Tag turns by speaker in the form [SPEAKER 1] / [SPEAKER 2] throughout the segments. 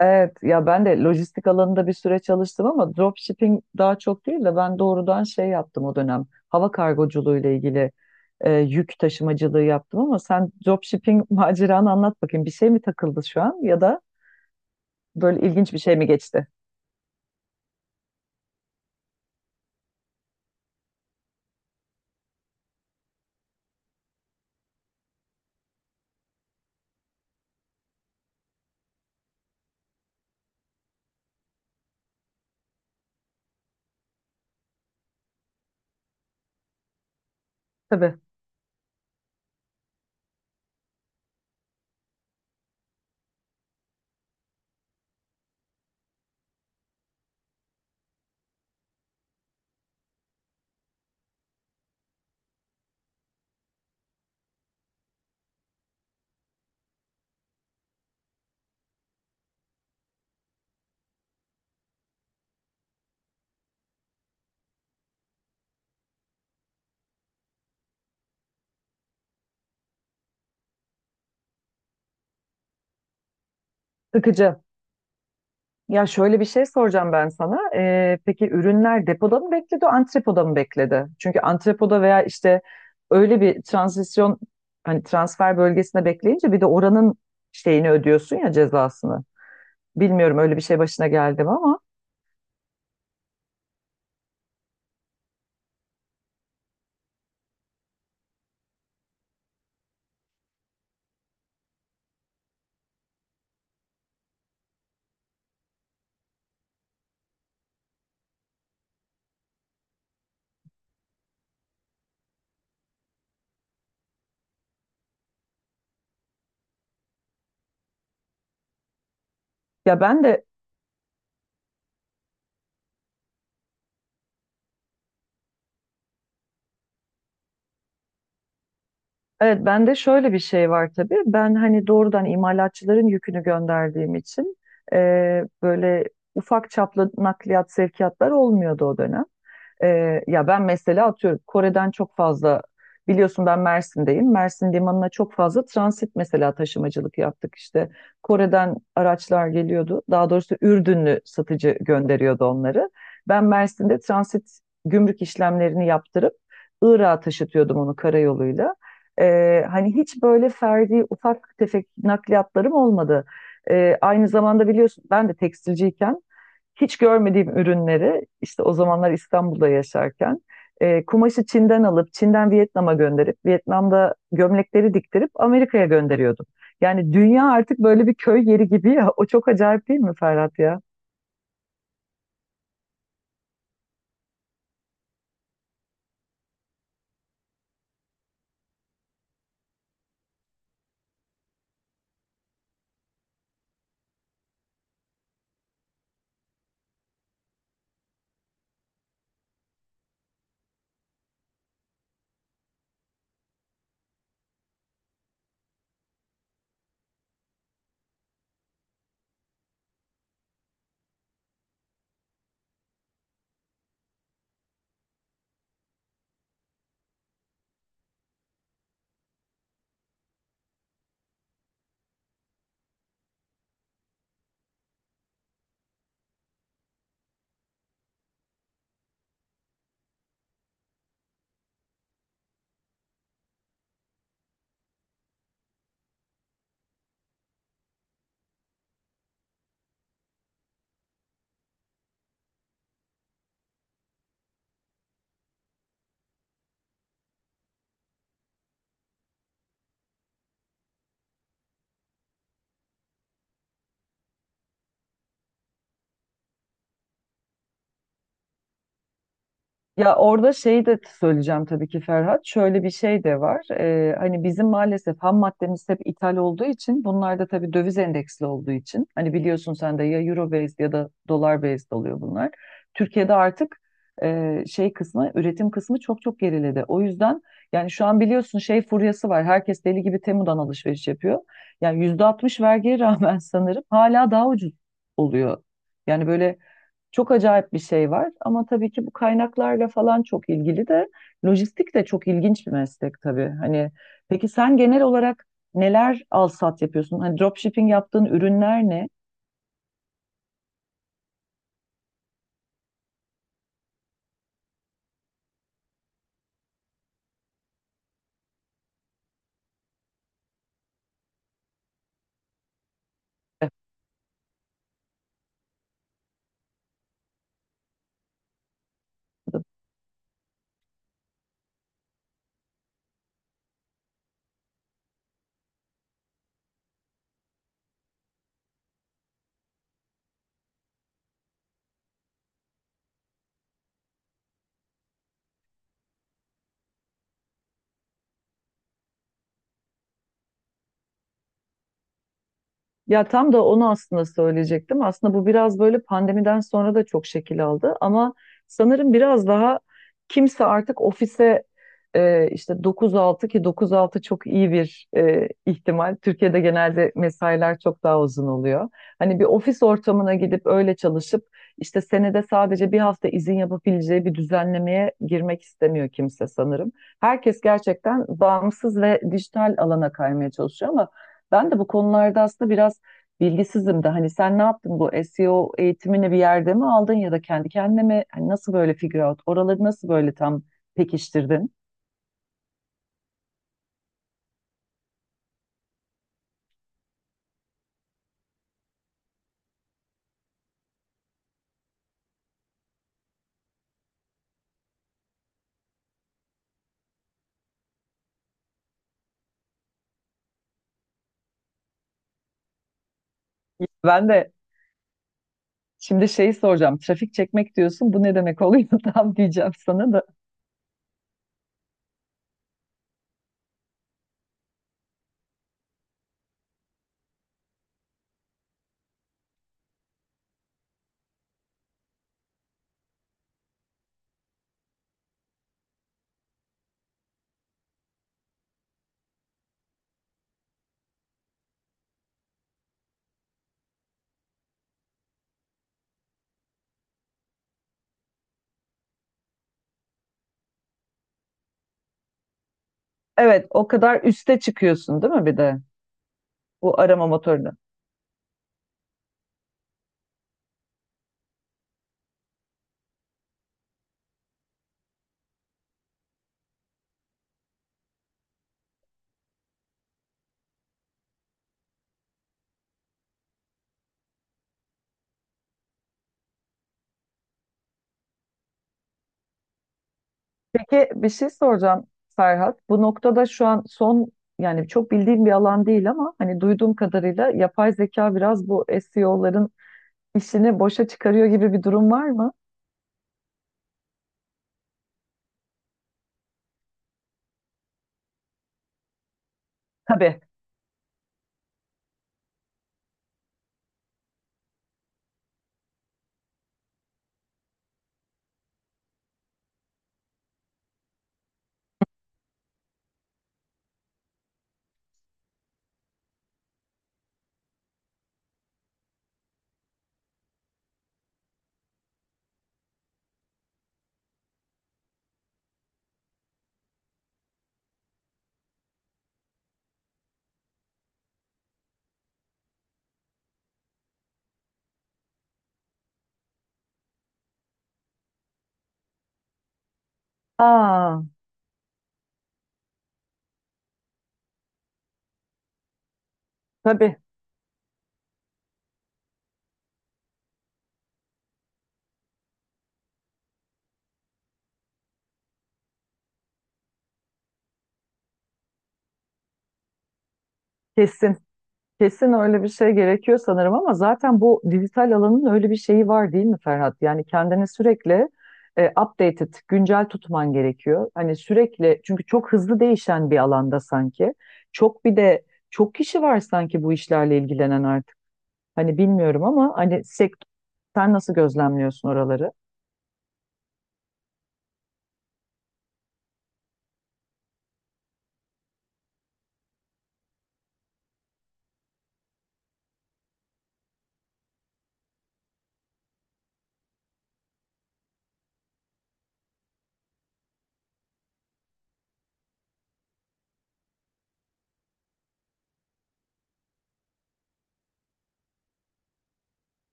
[SPEAKER 1] Evet ya ben de lojistik alanında bir süre çalıştım ama dropshipping daha çok değil de ben doğrudan şey yaptım o dönem. Hava kargoculuğu ile ilgili yük taşımacılığı yaptım ama sen dropshipping maceranı anlat bakayım. Bir şey mi takıldı şu an ya da böyle ilginç bir şey mi geçti? Tabii. Sıkıcı. Ya şöyle bir şey soracağım ben sana. Peki ürünler depoda mı bekledi, antrepoda mı bekledi? Çünkü antrepoda veya işte öyle bir transisyon hani transfer bölgesine bekleyince bir de oranın şeyini ödüyorsun ya cezasını. Bilmiyorum öyle bir şey başına geldi mi ama ya ben de Evet, bende şöyle bir şey var tabii. Ben hani doğrudan imalatçıların yükünü gönderdiğim için e, böyle ufak çaplı nakliyat sevkiyatlar olmuyordu o dönem. E, ya ben mesela atıyorum Kore'den çok fazla biliyorsun ben Mersin'deyim. Mersin limanına çok fazla transit mesela taşımacılık yaptık işte. Kore'den araçlar geliyordu. Daha doğrusu Ürdünlü satıcı gönderiyordu onları. Ben Mersin'de transit gümrük işlemlerini yaptırıp Irak'a taşıtıyordum onu karayoluyla. Hani hiç böyle ferdi ufak tefek nakliyatlarım olmadı. Aynı zamanda biliyorsun ben de tekstilciyken hiç görmediğim ürünleri işte o zamanlar İstanbul'da yaşarken kumaşı Çin'den alıp Çin'den Vietnam'a gönderip Vietnam'da gömlekleri diktirip Amerika'ya gönderiyordum. Yani dünya artık böyle bir köy yeri gibi ya. O çok acayip değil mi Ferhat ya? Ya orada şey de söyleyeceğim tabii ki Ferhat. Şöyle bir şey de var. Hani bizim maalesef ham maddemiz hep ithal olduğu için bunlar da tabii döviz endeksli olduğu için. Hani biliyorsun sen de ya euro based ya da dolar based oluyor bunlar. Türkiye'de artık şey kısmı üretim kısmı çok çok geriledi. O yüzden yani şu an biliyorsun şey furyası var. Herkes deli gibi Temu'dan alışveriş yapıyor. Yani %60 vergiye rağmen sanırım hala daha ucuz oluyor. Yani böyle çok acayip bir şey var ama tabii ki bu kaynaklarla falan çok ilgili de lojistik de çok ilginç bir meslek tabii. Hani peki sen genel olarak neler alsat yapıyorsun? Hani dropshipping yaptığın ürünler ne? Ya tam da onu aslında söyleyecektim. Aslında bu biraz böyle pandemiden sonra da çok şekil aldı ama sanırım biraz daha kimse artık ofise işte 9-6 ki 9-6 çok iyi bir ihtimal. Türkiye'de genelde mesailer çok daha uzun oluyor. Hani bir ofis ortamına gidip öyle çalışıp işte senede sadece bir hafta izin yapabileceği bir düzenlemeye girmek istemiyor kimse sanırım. Herkes gerçekten bağımsız ve dijital alana kaymaya çalışıyor ama ben de bu konularda aslında biraz bilgisizim de hani sen ne yaptın bu SEO eğitimini bir yerde mi aldın ya da kendi kendine mi hani nasıl böyle figure out oraları nasıl böyle tam pekiştirdin? Ben de şimdi şeyi soracağım. Trafik çekmek diyorsun. Bu ne demek oluyor tam diyeceğim sana da. Evet, o kadar üste çıkıyorsun değil mi bir de bu arama motorunu? Peki bir şey soracağım Ferhat. Bu noktada şu an son yani çok bildiğim bir alan değil ama hani duyduğum kadarıyla yapay zeka biraz bu SEO'ların işini boşa çıkarıyor gibi bir durum var mı? Tabii. Aa, tabii. Kesin. Kesin öyle bir şey gerekiyor sanırım ama zaten bu dijital alanın öyle bir şeyi var değil mi Ferhat? Yani kendini sürekli updated, güncel tutman gerekiyor. Hani sürekli çünkü çok hızlı değişen bir alanda sanki. Çok bir de çok kişi var sanki bu işlerle ilgilenen artık. Hani bilmiyorum ama hani sen nasıl gözlemliyorsun oraları?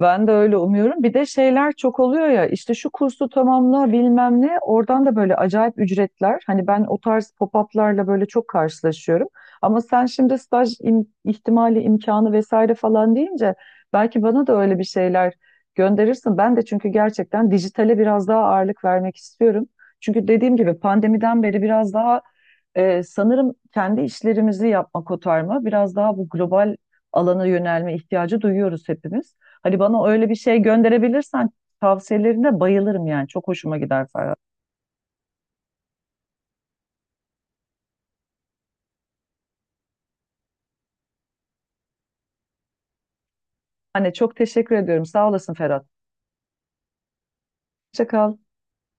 [SPEAKER 1] Ben de öyle umuyorum. Bir de şeyler çok oluyor ya işte şu kursu tamamla bilmem ne oradan da böyle acayip ücretler. Hani ben o tarz pop-up'larla böyle çok karşılaşıyorum. Ama sen şimdi ihtimali imkanı vesaire falan deyince belki bana da öyle bir şeyler gönderirsin. Ben de çünkü gerçekten dijitale biraz daha ağırlık vermek istiyorum. Çünkü dediğim gibi pandemiden beri biraz daha sanırım kendi işlerimizi yapma kotarma biraz daha bu global alana yönelme ihtiyacı duyuyoruz hepimiz. Hani bana öyle bir şey gönderebilirsen tavsiyelerine bayılırım yani. Çok hoşuma gider Ferhat. Hani çok teşekkür ediyorum. Sağ olasın Ferhat. Hoşça kal.